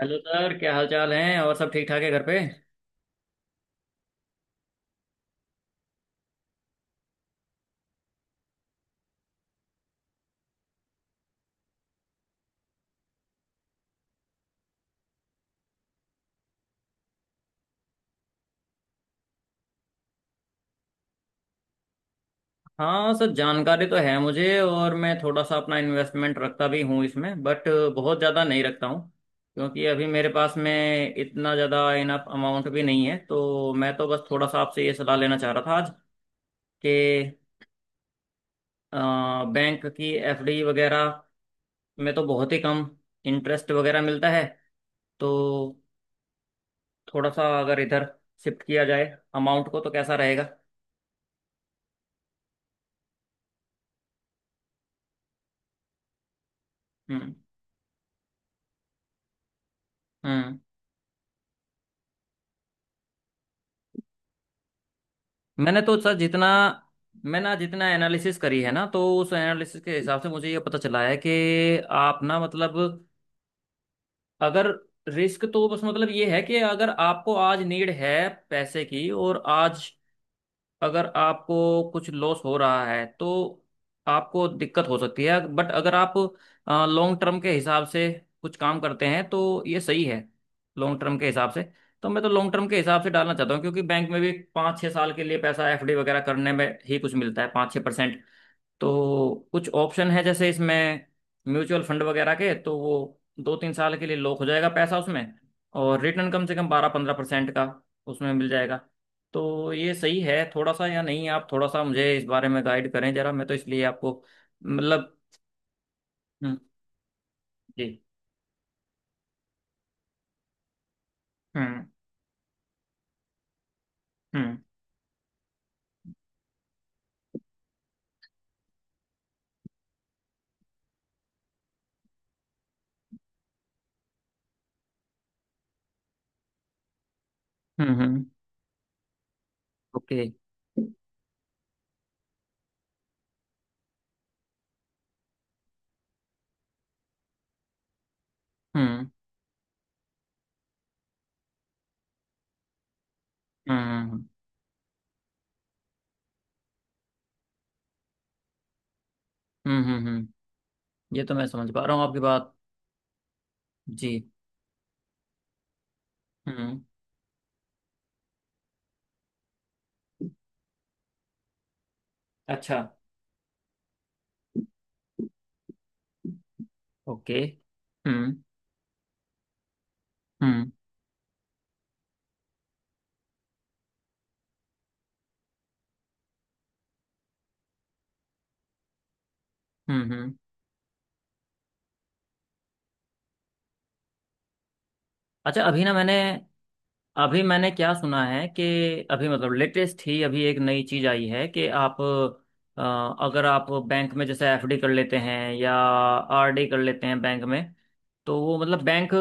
Hello sir. क्या हाल चाल है? और सब ठीक ठाक है घर पे? हाँ सर, जानकारी तो है मुझे, और मैं थोड़ा सा अपना इन्वेस्टमेंट रखता भी हूँ इसमें, बट बहुत ज़्यादा नहीं रखता हूँ। क्योंकि अभी मेरे पास में इतना ज़्यादा इनफ अमाउंट भी नहीं है, तो मैं तो बस थोड़ा सा आपसे ये सलाह लेना चाह रहा था आज, कि बैंक की एफडी वगैरह में तो बहुत ही कम इंटरेस्ट वगैरह मिलता है। तो थोड़ा सा अगर इधर शिफ्ट किया जाए अमाउंट को तो कैसा रहेगा? हम्म। हम्म। मैंने तो सर जितना, मैंने जितना एनालिसिस करी है ना, तो उस एनालिसिस के हिसाब से मुझे ये पता चला है कि आप ना, मतलब अगर, रिस्क तो बस मतलब ये है कि अगर आपको आज नीड है पैसे की, और आज अगर आपको कुछ लॉस हो रहा है तो आपको दिक्कत हो सकती है। बट अगर आप लॉन्ग टर्म के हिसाब से कुछ काम करते हैं तो ये सही है, लॉन्ग टर्म के हिसाब से। तो मैं तो लॉन्ग टर्म के हिसाब से डालना चाहता हूँ, क्योंकि बैंक में भी 5-6 साल के लिए पैसा एफडी वगैरह करने में ही कुछ मिलता है, 5-6%। तो कुछ ऑप्शन है जैसे इसमें म्यूचुअल फंड वगैरह के, तो वो 2-3 साल के लिए लॉक हो जाएगा पैसा उसमें, और रिटर्न कम से कम 12-15% का उसमें मिल जाएगा। तो ये सही है थोड़ा सा या नहीं? आप थोड़ा सा मुझे इस बारे में गाइड करें जरा, मैं तो इसलिए आपको, मतलब। हम्म। जी। हम्म। हम्म। हम्म। हम्म। ओके। हम्म। हम्म। हम्म। हम्म। हम्म। ये तो मैं समझ पा रहा हूँ आपकी बात। जी। हम्म। अच्छा। ओके। हम्म। हम्म। हम्म। हम्म। अच्छा, अभी मैंने क्या सुना है कि अभी मतलब लेटेस्ट ही अभी एक नई चीज आई है कि आप अ, अगर आप बैंक में जैसे एफडी कर लेते हैं या आरडी कर लेते हैं बैंक में, तो वो मतलब बैंक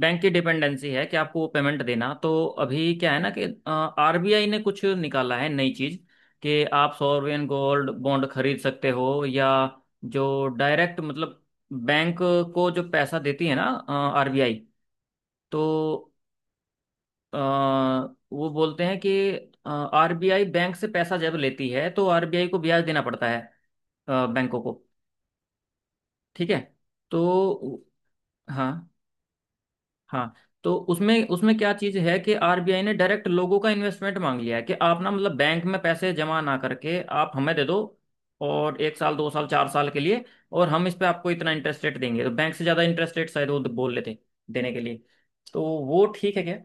बैंक की डिपेंडेंसी है कि आपको वो पेमेंट देना। तो अभी क्या है ना कि आरबीआई ने कुछ निकाला है नई चीज, कि आप सॉवरेन गोल्ड बॉन्ड खरीद सकते हो, या जो डायरेक्ट मतलब बैंक को जो पैसा देती है ना, आरबीआई, तो अ, वो बोलते हैं कि आरबीआई बैंक से पैसा जब लेती है तो आरबीआई को ब्याज देना पड़ता है, बैंकों को। ठीक है? तो हाँ, हाँ। तो उसमें उसमें क्या चीज़ है कि आरबीआई ने डायरेक्ट लोगों का इन्वेस्टमेंट मांग लिया है कि आप ना मतलब बैंक में पैसे जमा ना करके आप हमें दे दो, और 1 साल 2 साल 4 साल के लिए, और हम इस पे आपको इतना इंटरेस्ट रेट देंगे, तो बैंक से ज़्यादा इंटरेस्ट रेट शायद वो बोल लेते देने के लिए। तो वो ठीक है क्या?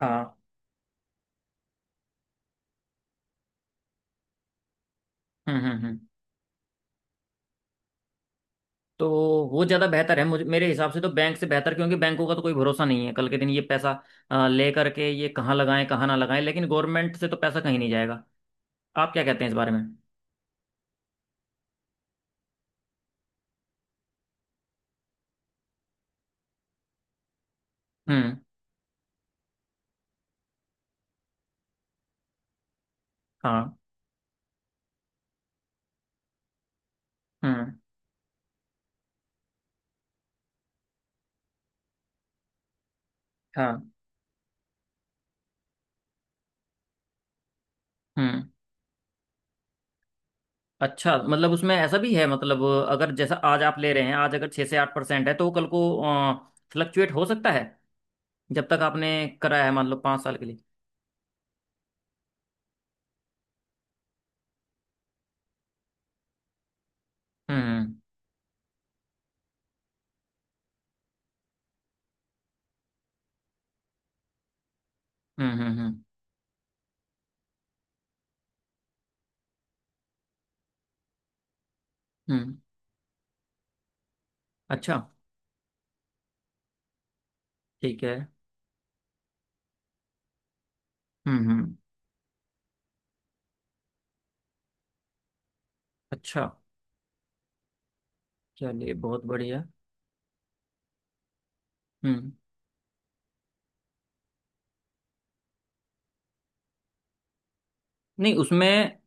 हाँ। हम्म। हम्म। हम्म। तो वो ज़्यादा बेहतर है, मुझे मेरे हिसाब से तो बैंक से बेहतर, क्योंकि बैंकों का तो कोई भरोसा नहीं है, कल के दिन ये पैसा ले करके ये कहाँ लगाएं कहाँ ना लगाएं, लेकिन गवर्नमेंट से तो पैसा कहीं नहीं जाएगा। आप क्या कहते हैं इस बारे में? हम्म। हाँ। हम्म। हाँ। हम्म। अच्छा, मतलब उसमें ऐसा भी है, मतलब अगर जैसा आज आप ले रहे हैं, आज अगर 6 से 8% है, तो वो कल को फ्लक्चुएट हो सकता है जब तक आपने कराया है, मान लो 5 साल के लिए। हम्म। हम्म। हम्म। हम्म। हम्म। अच्छा। ठीक है। हम्म। हम्म। अच्छा। चलिए, बहुत बढ़िया। हम्म। नहीं, उसमें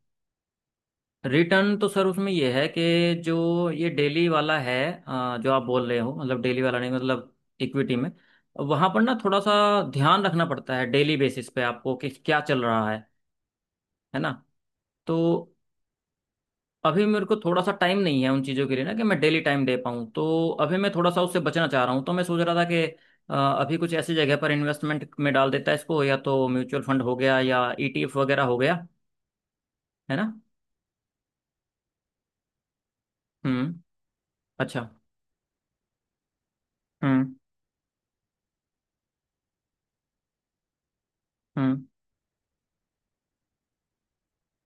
रिटर्न तो सर उसमें ये है कि जो ये डेली वाला है, जो आप बोल रहे हो, मतलब डेली वाला नहीं, मतलब इक्विटी में, वहां पर ना थोड़ा सा ध्यान रखना पड़ता है डेली बेसिस पे आपको कि क्या चल रहा है ना? तो अभी मेरे को थोड़ा सा टाइम नहीं है उन चीज़ों के लिए ना, कि मैं डेली टाइम दे पाऊँ। तो अभी मैं थोड़ा सा उससे बचना चाह रहा हूँ, तो मैं सोच रहा था कि अभी कुछ ऐसी जगह पर इन्वेस्टमेंट में डाल देता है इसको, या तो म्यूचुअल फंड हो गया या ईटीएफ वगैरह हो गया, है ना? हम्म। अच्छा। हम्म। हम्म।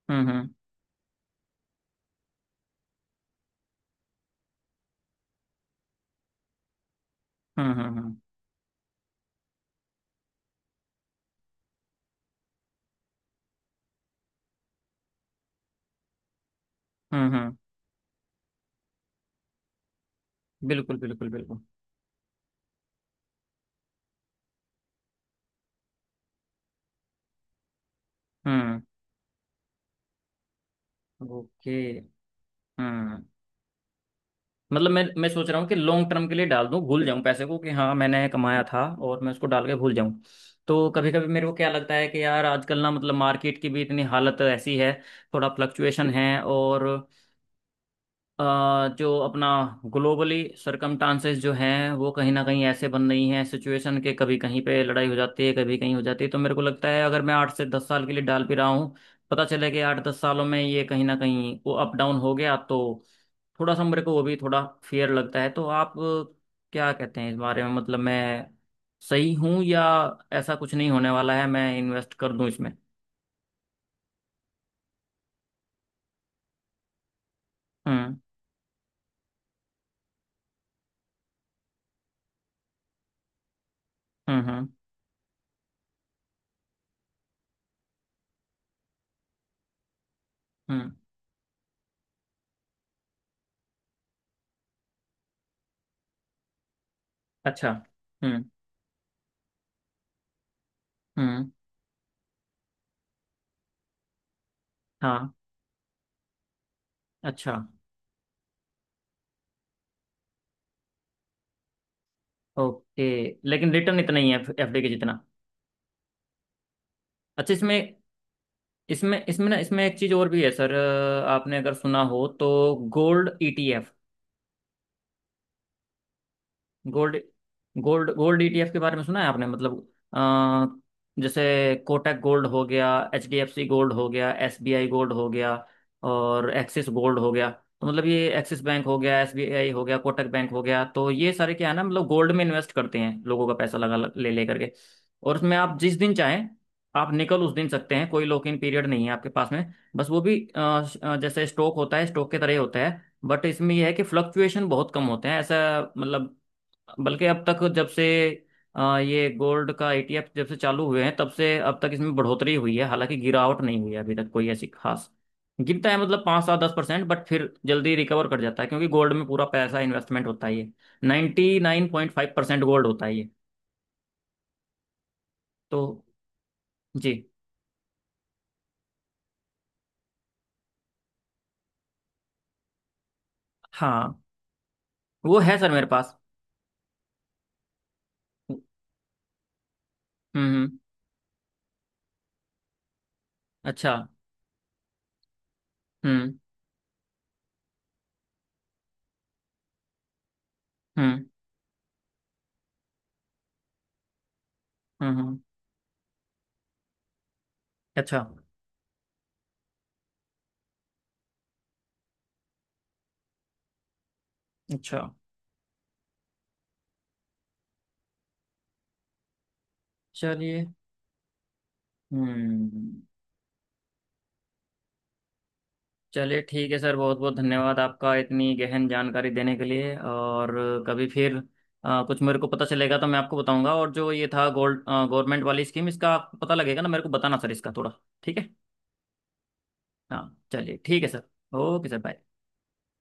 हम्म। हम्म। हम्म। हम्म। हम्म। हम्म। हम्म। बिल्कुल, बिल्कुल, बिल्कुल। हम्म। ओके। हम्म। मतलब मैं सोच रहा हूँ कि लॉन्ग टर्म के लिए डाल दूँ, भूल जाऊँ पैसे को कि हाँ मैंने कमाया था, और मैं उसको डाल के भूल जाऊँ। तो कभी कभी मेरे को क्या लगता है कि यार आजकल ना, मतलब मार्केट की भी इतनी हालत ऐसी है, थोड़ा फ्लक्चुएशन है, और अ, जो अपना ग्लोबली सरकमस्टांसेस जो हैं वो कहीं ना कहीं ऐसे बन रही हैं सिचुएशन के, कभी कहीं पे लड़ाई हो जाती है कभी कहीं हो जाती है। तो मेरे को लगता है अगर मैं 8 से 10 साल के लिए डाल भी रहा हूँ, पता चले कि 8-10 सालों में ये कहीं ना कहीं वो अप डाउन हो गया तो, थोड़ा सा मेरे को वो भी थोड़ा फेयर लगता है। तो आप क्या कहते हैं इस बारे में, मतलब मैं सही हूँ, या ऐसा कुछ नहीं होने वाला है, मैं इन्वेस्ट कर दूँ इसमें? हम्म। हम्म। हम्म। हम्म। अच्छा। हम्म। हम्म। हाँ। अच्छा। ओके। लेकिन रिटर्न इतना ही है एफडी के जितना? अच्छा। इसमें, इसमें ना, इसमें एक चीज और भी है सर, आपने अगर सुना हो तो gold ETF. Gold, gold ETF के बारे में सुना है आपने? मतलब आ, जैसे कोटक गोल्ड हो गया, एचडीएफसी गोल्ड हो गया, एसबीआई गोल्ड हो गया, और एक्सिस गोल्ड हो गया। तो मतलब ये एक्सिस बैंक हो गया, एसबीआई हो गया, कोटक बैंक हो गया, तो ये सारे क्या है ना, मतलब गोल्ड में इन्वेस्ट करते हैं लोगों का पैसा लगा, ले ले करके। और उसमें आप जिस दिन चाहें आप निकल उस दिन सकते हैं, कोई लॉक इन पीरियड नहीं है आपके पास में। बस वो भी जैसे स्टॉक होता है, स्टॉक के तरह ही होता है, बट इसमें यह है कि फ्लक्चुएशन बहुत कम होते हैं ऐसा, मतलब बल्कि अब तक जब से, ये गोल्ड का एटीएफ जब से चालू हुए हैं तब से अब तक इसमें बढ़ोतरी हुई है, हालांकि गिरावट नहीं हुई है अभी तक कोई ऐसी खास। गिरता है मतलब 5, 7, 10%, बट फिर जल्दी रिकवर कर जाता है, क्योंकि गोल्ड में पूरा पैसा इन्वेस्टमेंट होता ही है, 99.5% गोल्ड होता ही है। तो जी। हाँ, वो है सर मेरे पास। हम्म। हम्म। अच्छा। हम्म। हम्म। हम्म। हम्म। अच्छा। अच्छा। चलिए। हम्म। चलिए ठीक है सर, बहुत बहुत धन्यवाद आपका इतनी गहन जानकारी देने के लिए। और कभी फिर कुछ मेरे को पता चलेगा तो मैं आपको बताऊंगा, और जो ये था गोल्ड गवर्नमेंट वाली स्कीम इसका आपको पता लगेगा ना मेरे को बताना सर इसका थोड़ा। ठीक है। हाँ चलिए, ठीक है सर। Okay sir, bye.